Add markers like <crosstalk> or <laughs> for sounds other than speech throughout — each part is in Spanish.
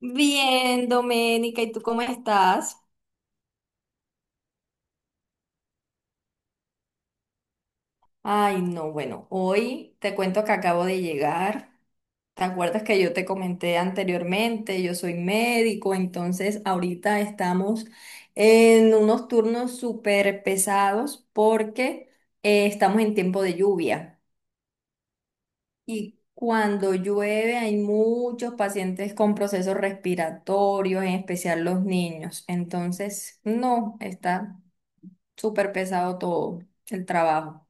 Bien, Doménica, ¿y tú cómo estás? Ay, no, bueno, hoy te cuento que acabo de llegar. ¿Te acuerdas que yo te comenté anteriormente? Yo soy médico, entonces ahorita estamos en unos turnos súper pesados porque estamos en tiempo de lluvia. Y cuando llueve hay muchos pacientes con procesos respiratorios, en especial los niños. Entonces, no, está súper pesado todo el trabajo.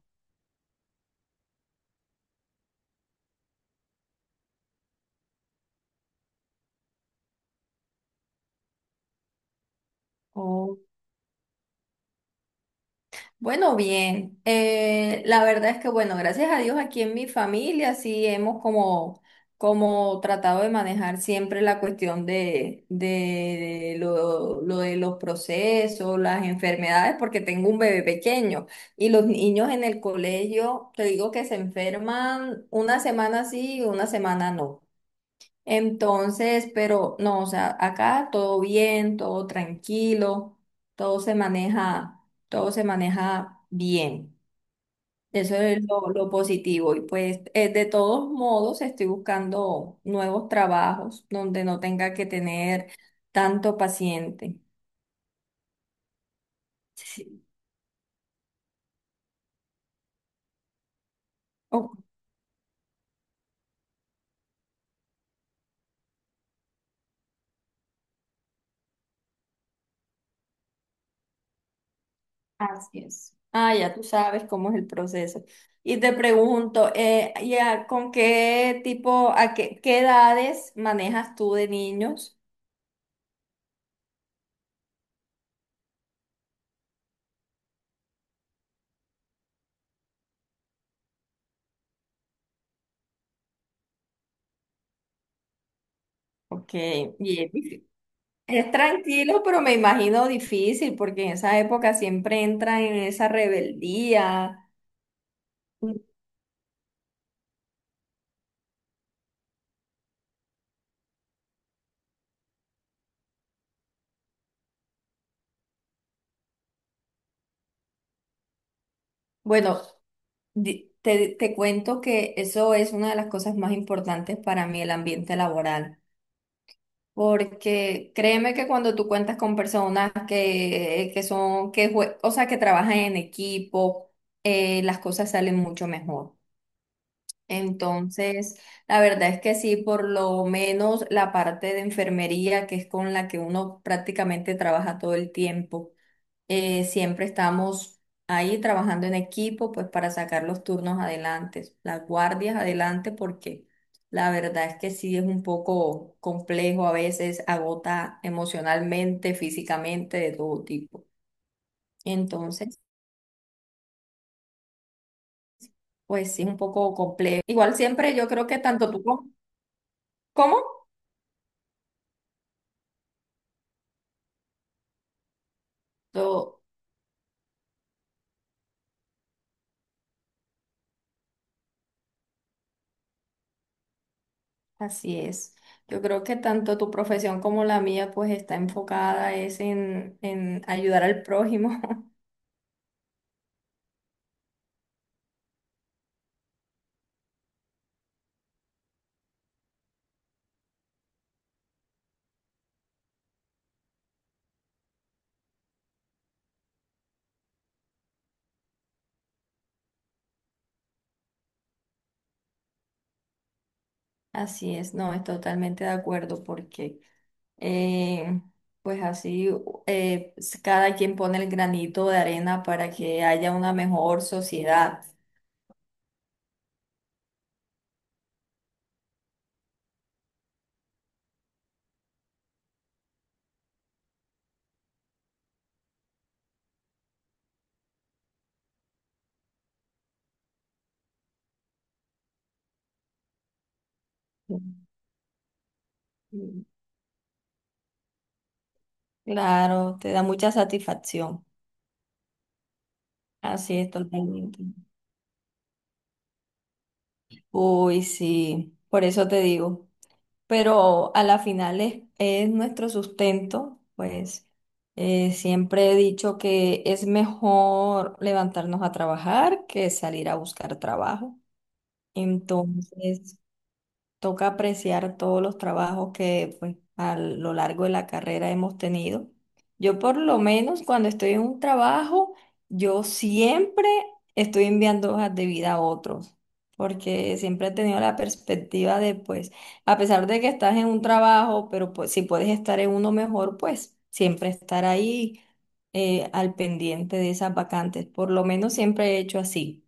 Oh, bueno, bien, la verdad es que bueno, gracias a Dios aquí en mi familia sí hemos como, como tratado de manejar siempre la cuestión de lo de los procesos, las enfermedades, porque tengo un bebé pequeño y los niños en el colegio, te digo que se enferman una semana sí y una semana no. Entonces, pero no, o sea, acá todo bien, todo tranquilo, todo se maneja, todo se maneja bien. Eso es lo positivo. Y pues, de todos modos, estoy buscando nuevos trabajos donde no tenga que tener tanto paciente. Sí. Oh, así es. Ah, ya tú sabes cómo es el proceso. Y te pregunto, ya, ¿con qué tipo, a qué, qué edades manejas tú de niños? Ok, y es, difí- es tranquilo, pero me imagino difícil porque en esa época siempre entra en esa rebeldía. Bueno, te, te cuento que eso es una de las cosas más importantes para mí, el ambiente laboral, porque créeme que cuando tú cuentas con personas que son, o sea, que trabajan en equipo, las cosas salen mucho mejor. Entonces, la verdad es que sí, por lo menos la parte de enfermería, que es con la que uno prácticamente trabaja todo el tiempo, siempre estamos ahí trabajando en equipo, pues para sacar los turnos adelante, las guardias adelante, porque la verdad es que sí es un poco complejo a veces, agota emocionalmente, físicamente, de todo tipo. Entonces, pues sí es un poco complejo. Igual siempre yo creo que tanto tú como... ¿Cómo? Así es. Yo creo que tanto tu profesión como la mía pues está enfocada es en ayudar al prójimo. <laughs> Así es, no, es totalmente de acuerdo porque eh, pues así cada quien pone el granito de arena para que haya una mejor sociedad. Mm. Claro, te da mucha satisfacción. Así es, totalmente. Uy, sí, por eso te digo, pero a la final es nuestro sustento, pues siempre he dicho que es mejor levantarnos a trabajar que salir a buscar trabajo. Entonces, toca apreciar todos los trabajos que pues, a lo largo de la carrera hemos tenido. Yo por lo menos cuando estoy en un trabajo, yo siempre estoy enviando hojas de vida a otros, porque siempre he tenido la perspectiva de, pues, a pesar de que estás en un trabajo, pero pues si puedes estar en uno mejor, pues siempre estar ahí al pendiente de esas vacantes. Por lo menos siempre he hecho así.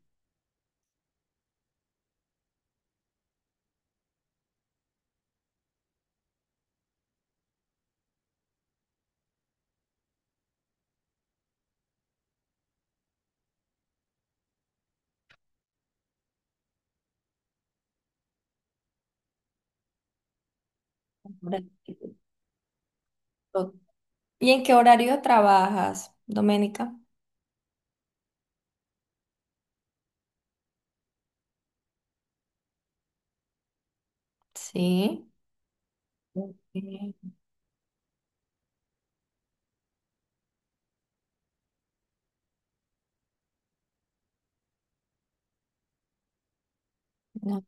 Ahora, ¿y en qué horario trabajas, Doménica? Sí. Sí, no,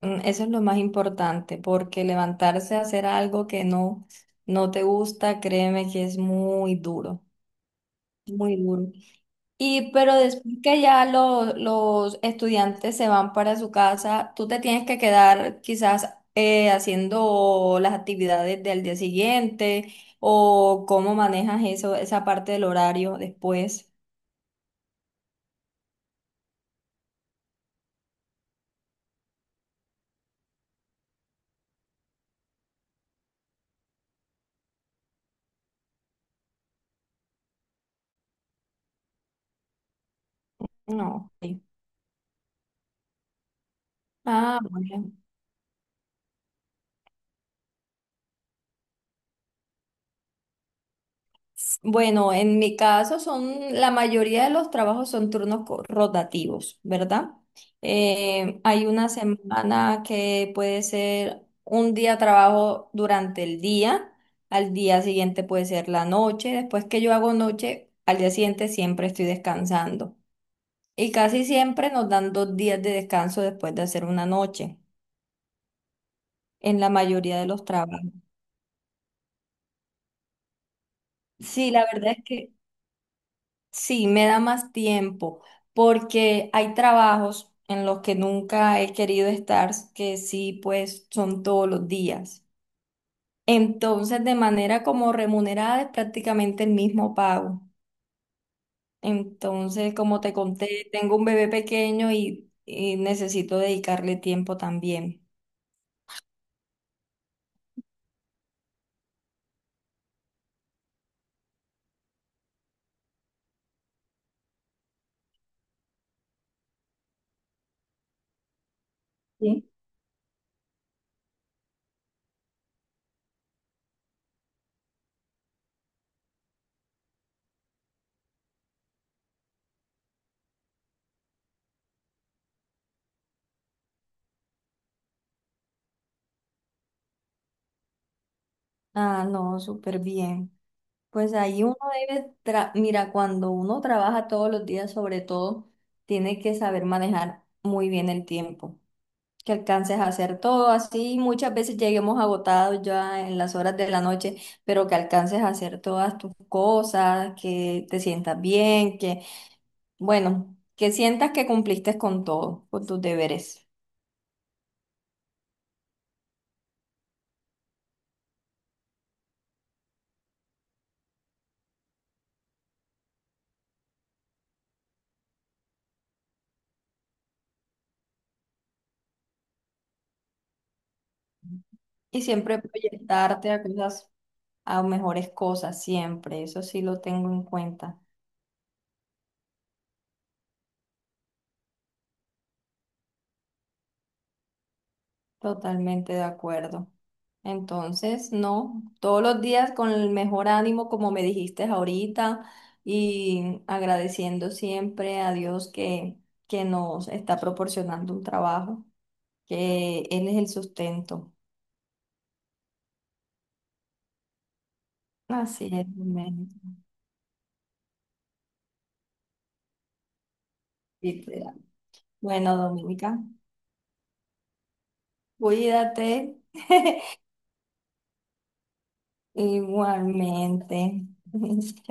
mm, Eso es lo más importante, porque levantarse a hacer algo que no, no te gusta, créeme que es muy duro, muy duro. Y pero después que ya los estudiantes se van para su casa, tú te tienes que quedar quizás haciendo las actividades del día siguiente o cómo manejas eso, esa parte del horario después. No. Sí. Ah, bueno. Bueno, en mi caso son, la mayoría de los trabajos son turnos rotativos, ¿verdad? Hay una semana que puede ser un día trabajo durante el día, al día siguiente puede ser la noche, después que yo hago noche, al día siguiente siempre estoy descansando. Y casi siempre nos dan dos días de descanso después de hacer una noche, en la mayoría de los trabajos. Sí, la verdad es que sí, me da más tiempo porque hay trabajos en los que nunca he querido estar, que sí, pues son todos los días. Entonces, de manera como remunerada es prácticamente el mismo pago. Entonces, como te conté, tengo un bebé pequeño y necesito dedicarle tiempo también. Ah, no, súper bien. Pues ahí uno mira, cuando uno trabaja todos los días, sobre todo, tiene que saber manejar muy bien el tiempo, que alcances a hacer todo así. Muchas veces lleguemos agotados ya en las horas de la noche, pero que alcances a hacer todas tus cosas, que te sientas bien, que, bueno, que sientas que cumpliste con todo, con tus deberes. Y siempre proyectarte a cosas, a mejores cosas, siempre. Eso sí lo tengo en cuenta. Totalmente de acuerdo. Entonces, no, todos los días con el mejor ánimo, como me dijiste ahorita, y agradeciendo siempre a Dios que nos está proporcionando un trabajo, que Él es el sustento. Así es, amén. Literal. Bueno, Dominica, cuídate igualmente. <laughs> Chao.